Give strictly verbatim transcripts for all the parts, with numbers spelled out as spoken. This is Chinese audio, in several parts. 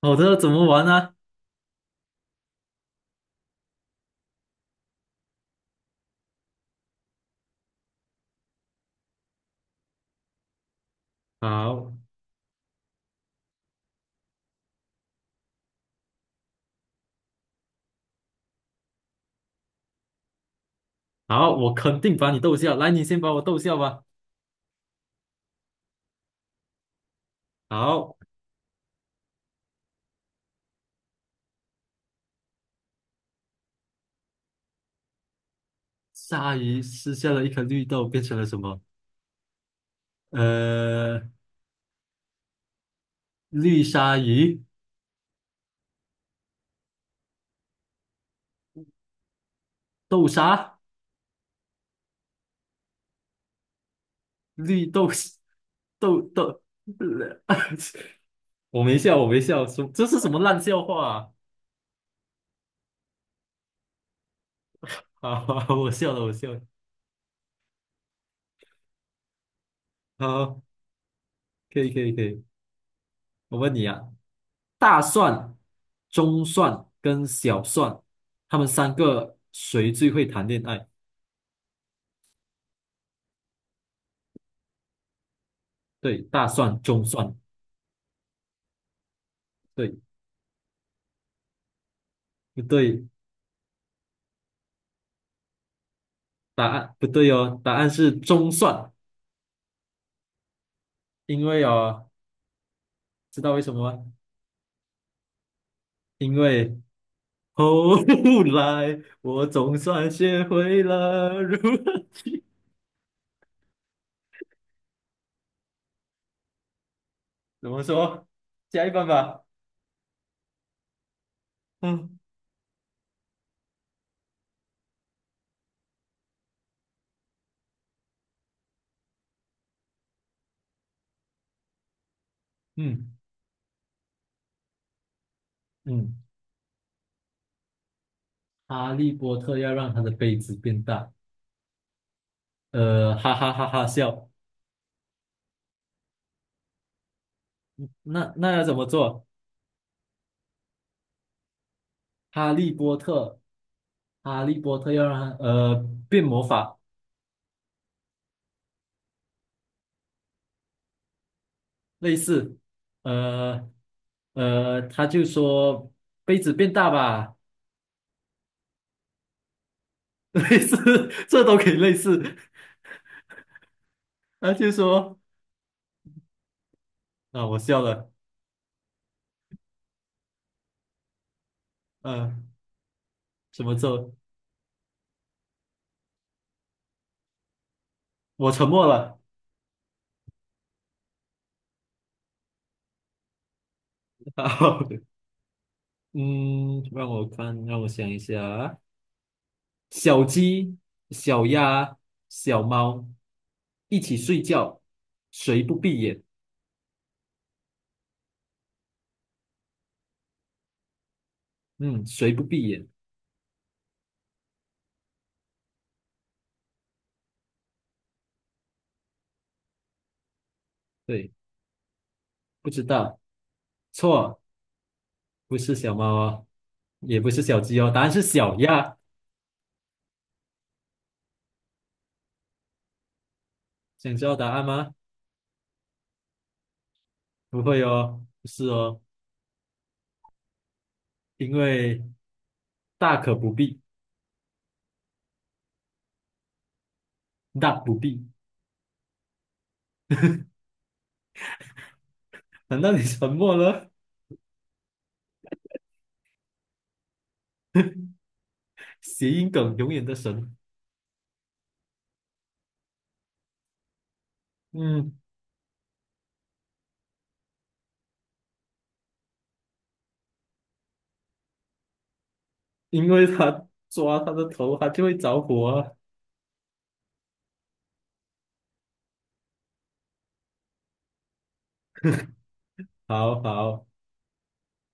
好的，怎么玩呢、好，好，我肯定把你逗笑。来，你先把我逗笑吧。好，鲨鱼吃下了一颗绿豆，变成了什么？呃，绿鲨鱼，豆沙，绿豆，豆豆。我没笑，我没笑，什这是什么烂笑话啊？好，我笑了，我笑了。好，可以，可以，可以。我问你啊，大蒜、中蒜跟小蒜，他们三个谁最会谈恋爱？对，大蒜、中蒜，对，不对？答案不对哦，答案是中蒜，因为哦，知道为什么吗？因为后 来我总算学会了如何去怎么说，下一半吧。嗯嗯嗯，哈利波特要让他的杯子变大，呃，哈哈哈哈笑。那那要怎么做？哈利波特，哈利波特要让他呃变魔法。类似，呃呃，他就说杯子变大吧，类似，这都可以类似。他就说啊，我笑了，嗯、什么咒？我沉默了。然后，嗯，让我看，让我想一下啊，小鸡、小鸭、小猫一起睡觉，谁不闭眼？嗯，谁不闭眼？对，不知道，错，不是小猫哦，也不是小鸡哦，答案是小鸭。想知道答案吗？不会哦，不是哦，因为大可不必，大不必。难道你沉默了？谐音梗永远的神。嗯，因为他抓他的头，他就会着火啊好好，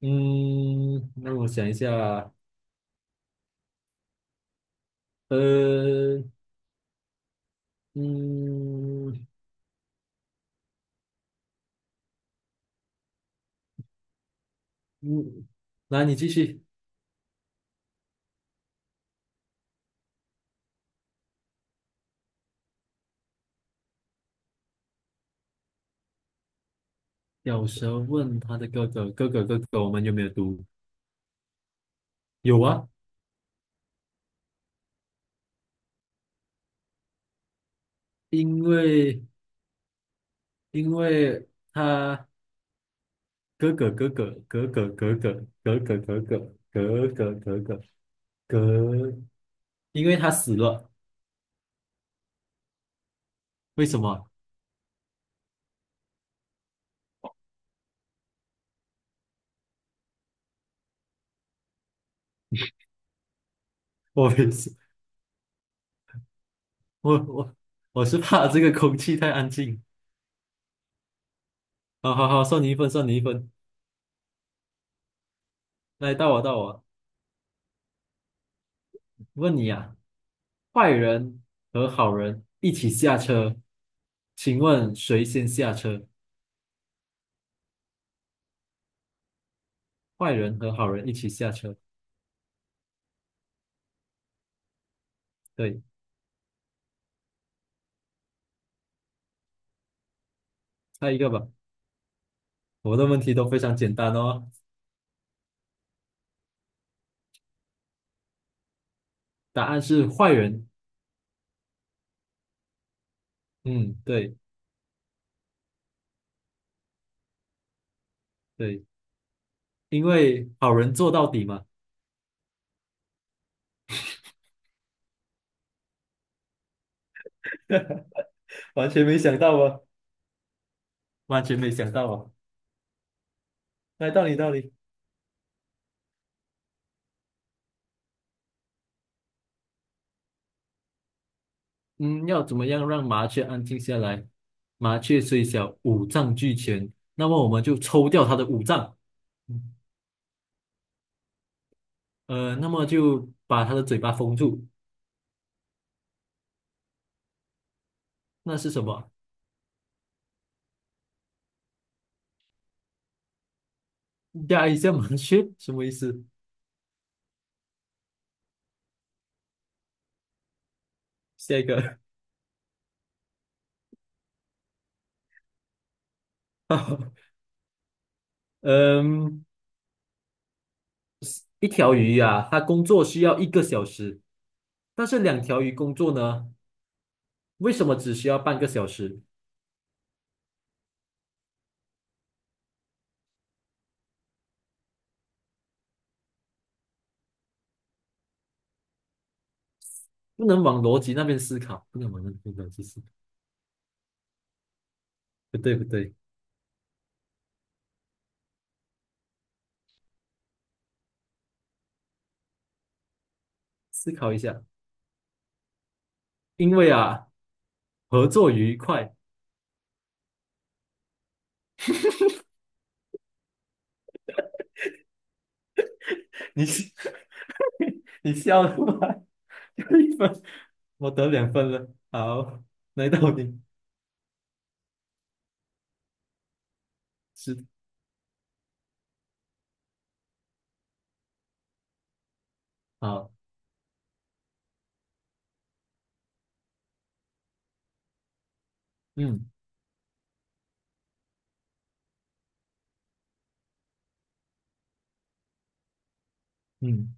嗯，那我想一下啊，呃，嗯嗯，来，你继续。小候问他的哥哥：“哥哥，哥哥，我们有没有毒？”有啊，因为因为他。哥哥哥哥哥哥哥哥哥哥哥哥哥哥哥哥哥，因为他死了，为什么？我没事，我我我是怕这个空气太安静。好好好，算你一分，算你一分。来，到我到我，问你啊，坏人和好人一起下车，请问谁先下车？坏人和好人一起下车，对，猜一个吧。我的问题都非常简单哦，答案是坏人。嗯，对对。因为好人做到底嘛 完全没想到啊！完全没想到啊。来，到你，到你。嗯，要怎么样让麻雀安静下来？麻雀虽小，五脏俱全，那么我们就抽掉它的五脏，嗯呃，那么就把它的嘴巴封住，那是什么？压一下麻雀，什么意思？下一个，嗯，一条鱼呀、它工作需要一个小时，但是两条鱼工作呢，为什么只需要半个小时？不能往逻辑那边思考，不能往那边逻辑思考，不对不对，思考一下，因为啊，合作愉快。你是 你笑出来，一分，我得两分了。好，来到你，是好，嗯嗯，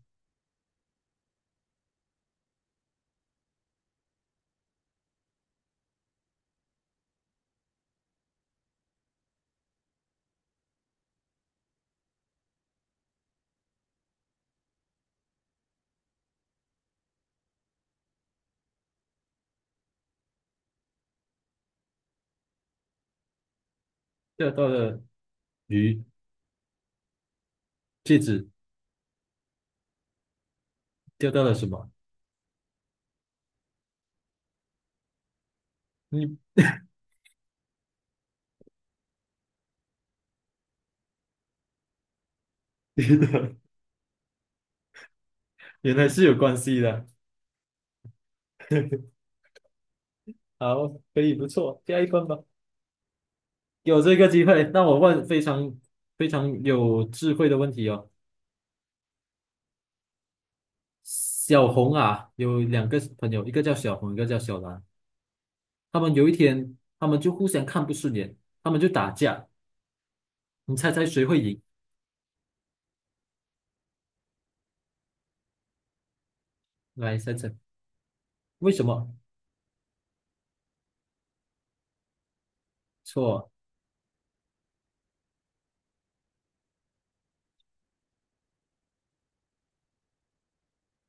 钓到了鱼，戒指钓到了什么？你 原来是有关系的。好，可以，不错，加一分吧。有这个机会，那我问非常非常有智慧的问题哦。小红啊，有两个朋友，一个叫小红，一个叫小蓝。他们有一天，他们就互相看不顺眼，他们就打架。你猜猜谁会赢？来猜猜，为什么？错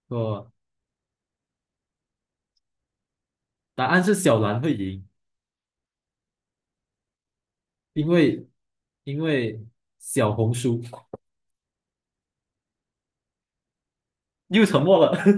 错，答案是小蓝会赢，因为因为小红输。又沉默了。